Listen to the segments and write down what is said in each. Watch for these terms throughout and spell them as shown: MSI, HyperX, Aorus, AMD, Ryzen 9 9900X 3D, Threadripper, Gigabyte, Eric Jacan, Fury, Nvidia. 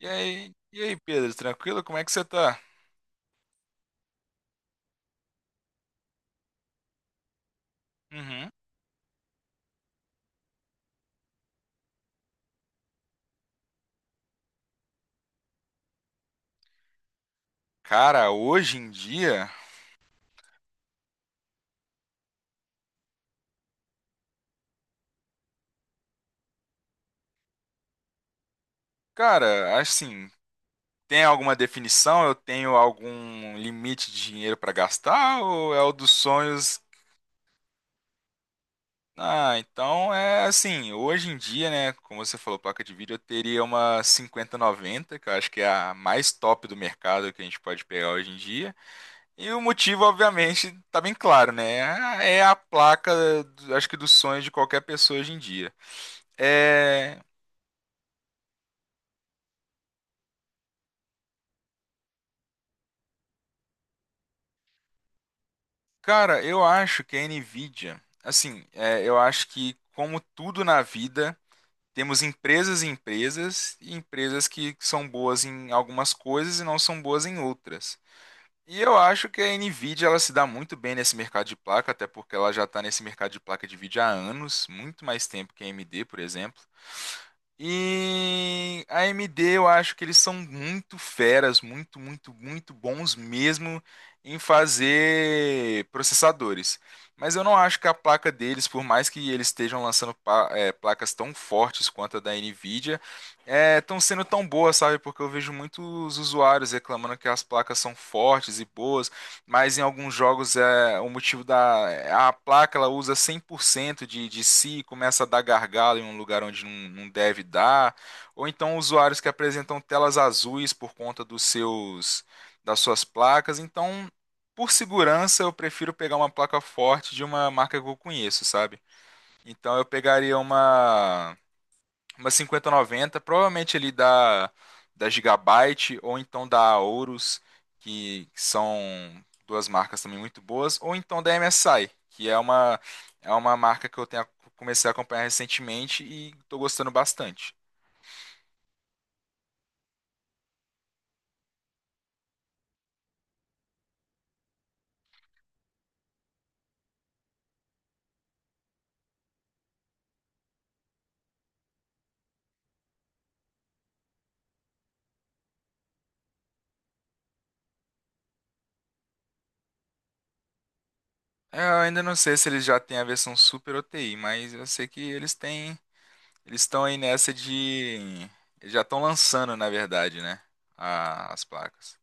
E aí, Pedro, tranquilo? Como é que você tá? Uhum. Cara, hoje em dia, cara, assim, tem alguma definição? Eu tenho algum limite de dinheiro pra gastar ou é o dos sonhos? Ah, então é assim, hoje em dia, né, como você falou, placa de vídeo, eu teria uma 5090, que eu acho que é a mais top do mercado que a gente pode pegar hoje em dia. E o motivo, obviamente, tá bem claro, né? É a placa, acho que dos sonhos de qualquer pessoa hoje em dia. É, cara, eu acho que a Nvidia, assim, eu acho que como tudo na vida, temos empresas e empresas, e empresas que são boas em algumas coisas e não são boas em outras. E eu acho que a Nvidia ela se dá muito bem nesse mercado de placa, até porque ela já está nesse mercado de placa de vídeo há anos, muito mais tempo que a AMD, por exemplo. E a AMD, eu acho que eles são muito feras, muito, muito, muito bons mesmo em fazer processadores. Mas eu não acho que a placa deles, por mais que eles estejam lançando placas tão fortes quanto a da Nvidia, estão sendo tão boas, sabe? Porque eu vejo muitos usuários reclamando que as placas são fortes e boas, mas em alguns jogos é o motivo da a placa ela usa 100% de si e começa a dar gargalo em um lugar onde não, não deve dar, ou então usuários que apresentam telas azuis por conta dos seus das suas placas. Então, por segurança, eu prefiro pegar uma placa forte de uma marca que eu conheço, sabe? Então eu pegaria uma 5090, provavelmente ali da Gigabyte ou então da Aorus, que são duas marcas também muito boas, ou então da MSI, que é uma, marca que eu tenho, comecei a acompanhar recentemente e estou gostando bastante. É, eu ainda não sei se eles já têm a versão Super OTI, mas eu sei que eles têm, eles estão aí nessa de, eles já estão lançando, na verdade, né, as placas.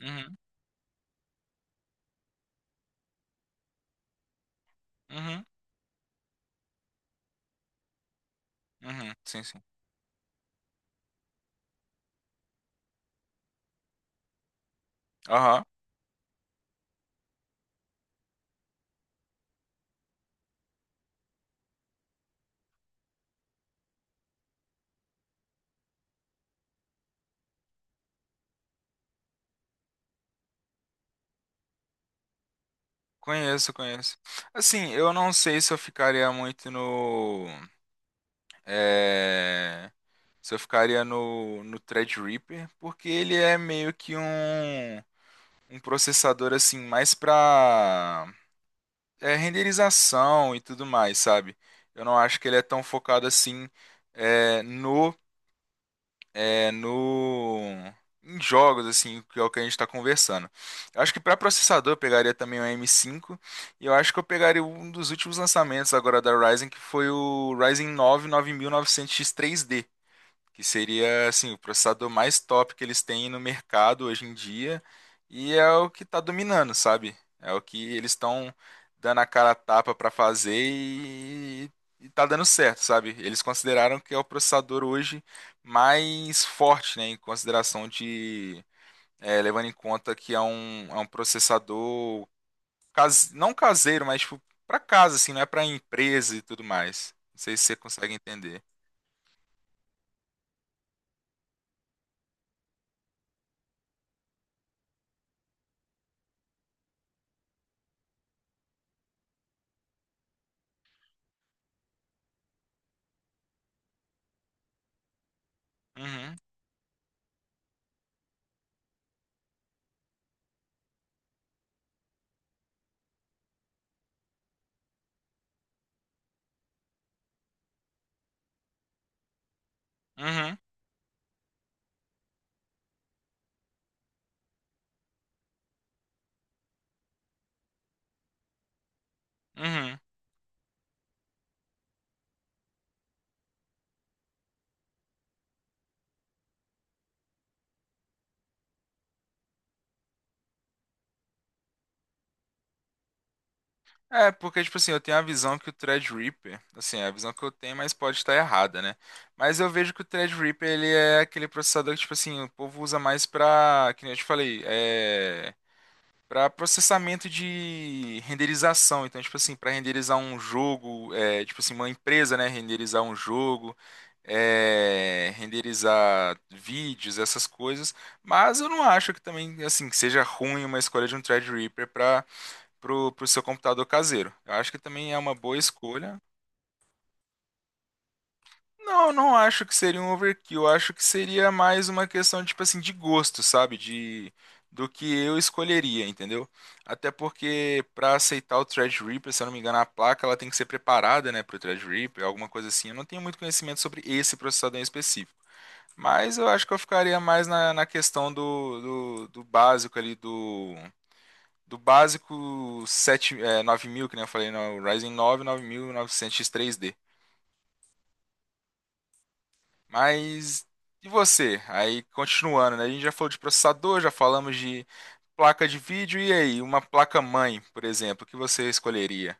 Uhum, uhum, uhum, sim, sim. Conheço, conheço. Assim, eu não sei se eu ficaria muito é, se eu ficaria no Threadripper, porque ele é meio que um processador assim, mais pra renderização e tudo mais, sabe? Eu não acho que ele é tão focado assim é, no é, no em jogos assim, que é o que a gente está conversando. Eu acho que para processador eu pegaria também o M5 e eu acho que eu pegaria um dos últimos lançamentos agora da Ryzen, que foi o Ryzen 9 9900X 3D, que seria assim o processador mais top que eles têm no mercado hoje em dia e é o que está dominando, sabe? É o que eles estão dando a cara a tapa para fazer e tá dando certo, sabe? Eles consideraram que é o processador hoje mais forte, né, levando em conta que é um processador case, não caseiro, mas tipo, para casa assim, não é para empresa e tudo mais. Não sei se você consegue entender. Uhum, uhum, uhum. É, porque, tipo assim, eu tenho a visão que o Threadripper, assim, é a visão que eu tenho, mas pode estar errada, né? Mas eu vejo que o Threadripper, ele é aquele processador que, tipo assim, o povo usa mais pra, que nem eu te falei, pra processamento de renderização. Então, tipo assim, pra renderizar um jogo, tipo assim, uma empresa, né, renderizar um jogo, renderizar vídeos, essas coisas. Mas eu não acho que também, assim, que seja ruim uma escolha de um Threadripper pro seu computador caseiro. Eu acho que também é uma boa escolha. Não, não acho que seria um overkill. Eu acho que seria mais uma questão, tipo assim, de gosto, sabe? Do que eu escolheria, entendeu? Até porque para aceitar o Threadripper, se eu não me engano, a placa ela tem que ser preparada, né, pro Threadripper, alguma coisa assim. Eu não tenho muito conhecimento sobre esse processador em específico. Mas eu acho que eu ficaria mais na questão do básico ali do básico 9000 que nem eu falei, no Ryzen 9, 9900 x três d. Mas e você? Aí continuando, né? A gente já falou de processador, já falamos de placa de vídeo, e aí? Uma placa mãe, por exemplo, que você escolheria?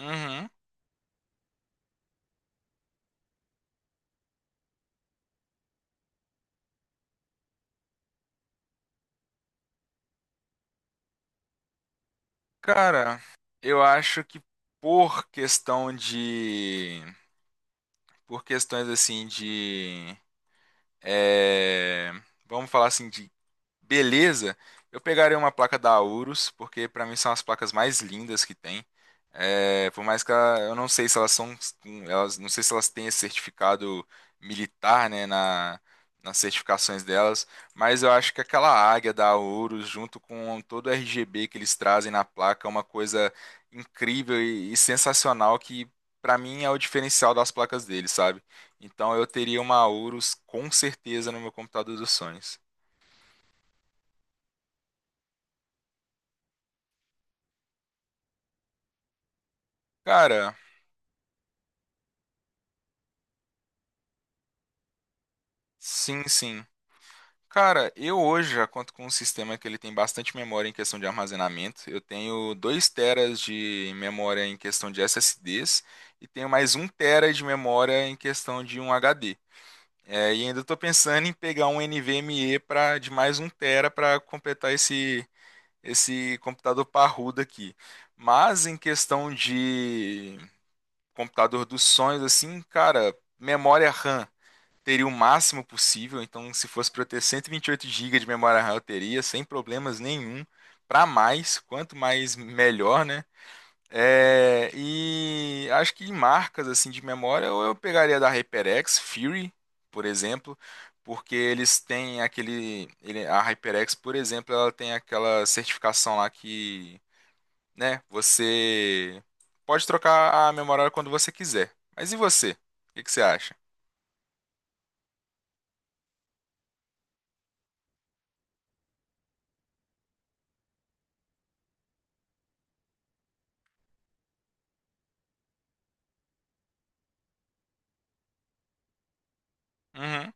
Uhum. Cara, eu acho que por questão de. Por questões assim de. é, vamos falar assim, de Beleza, eu pegaria uma placa da Aurus, porque pra mim são as placas mais lindas que tem. É, por mais que eu não sei se elas são, elas, não sei se elas têm esse certificado militar, né, nas certificações delas, mas eu acho que aquela águia da Aurus, junto com todo o RGB que eles trazem na placa, é uma coisa incrível e sensacional que pra mim é o diferencial das placas deles, sabe? Então eu teria uma Aurus com certeza no meu computador dos sonhos. Cara, sim, sim. Cara, eu hoje já conto com um sistema que ele tem bastante memória em questão de armazenamento. Eu tenho 2 teras de memória em questão de SSDs e tenho mais um tera de memória em questão de um HD. É, e ainda estou pensando em pegar um NVMe para de mais um tera para completar esse computador parrudo aqui. Mas em questão de computador dos sonhos assim, cara, memória RAM teria o máximo possível. Então, se fosse para eu ter 128 GB de memória RAM, eu teria, sem problemas nenhum. Para mais, quanto mais melhor, né? É, e acho que em marcas assim de memória, ou eu pegaria da HyperX, Fury, por exemplo, porque eles têm a HyperX, por exemplo, ela tem aquela certificação lá que, né, você pode trocar a memória quando você quiser. Mas e você? O que que você acha? Uhum.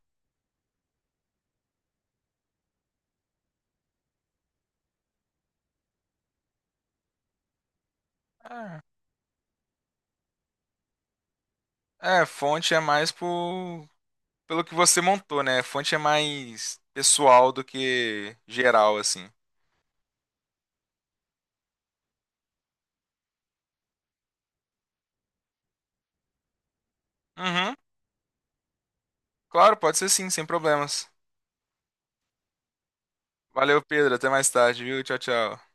É. É, fonte é mais pelo que você montou, né? Fonte é mais pessoal do que geral, assim. Uhum. Claro, pode ser sim, sem problemas. Valeu, Pedro. Até mais tarde, viu? Tchau, tchau.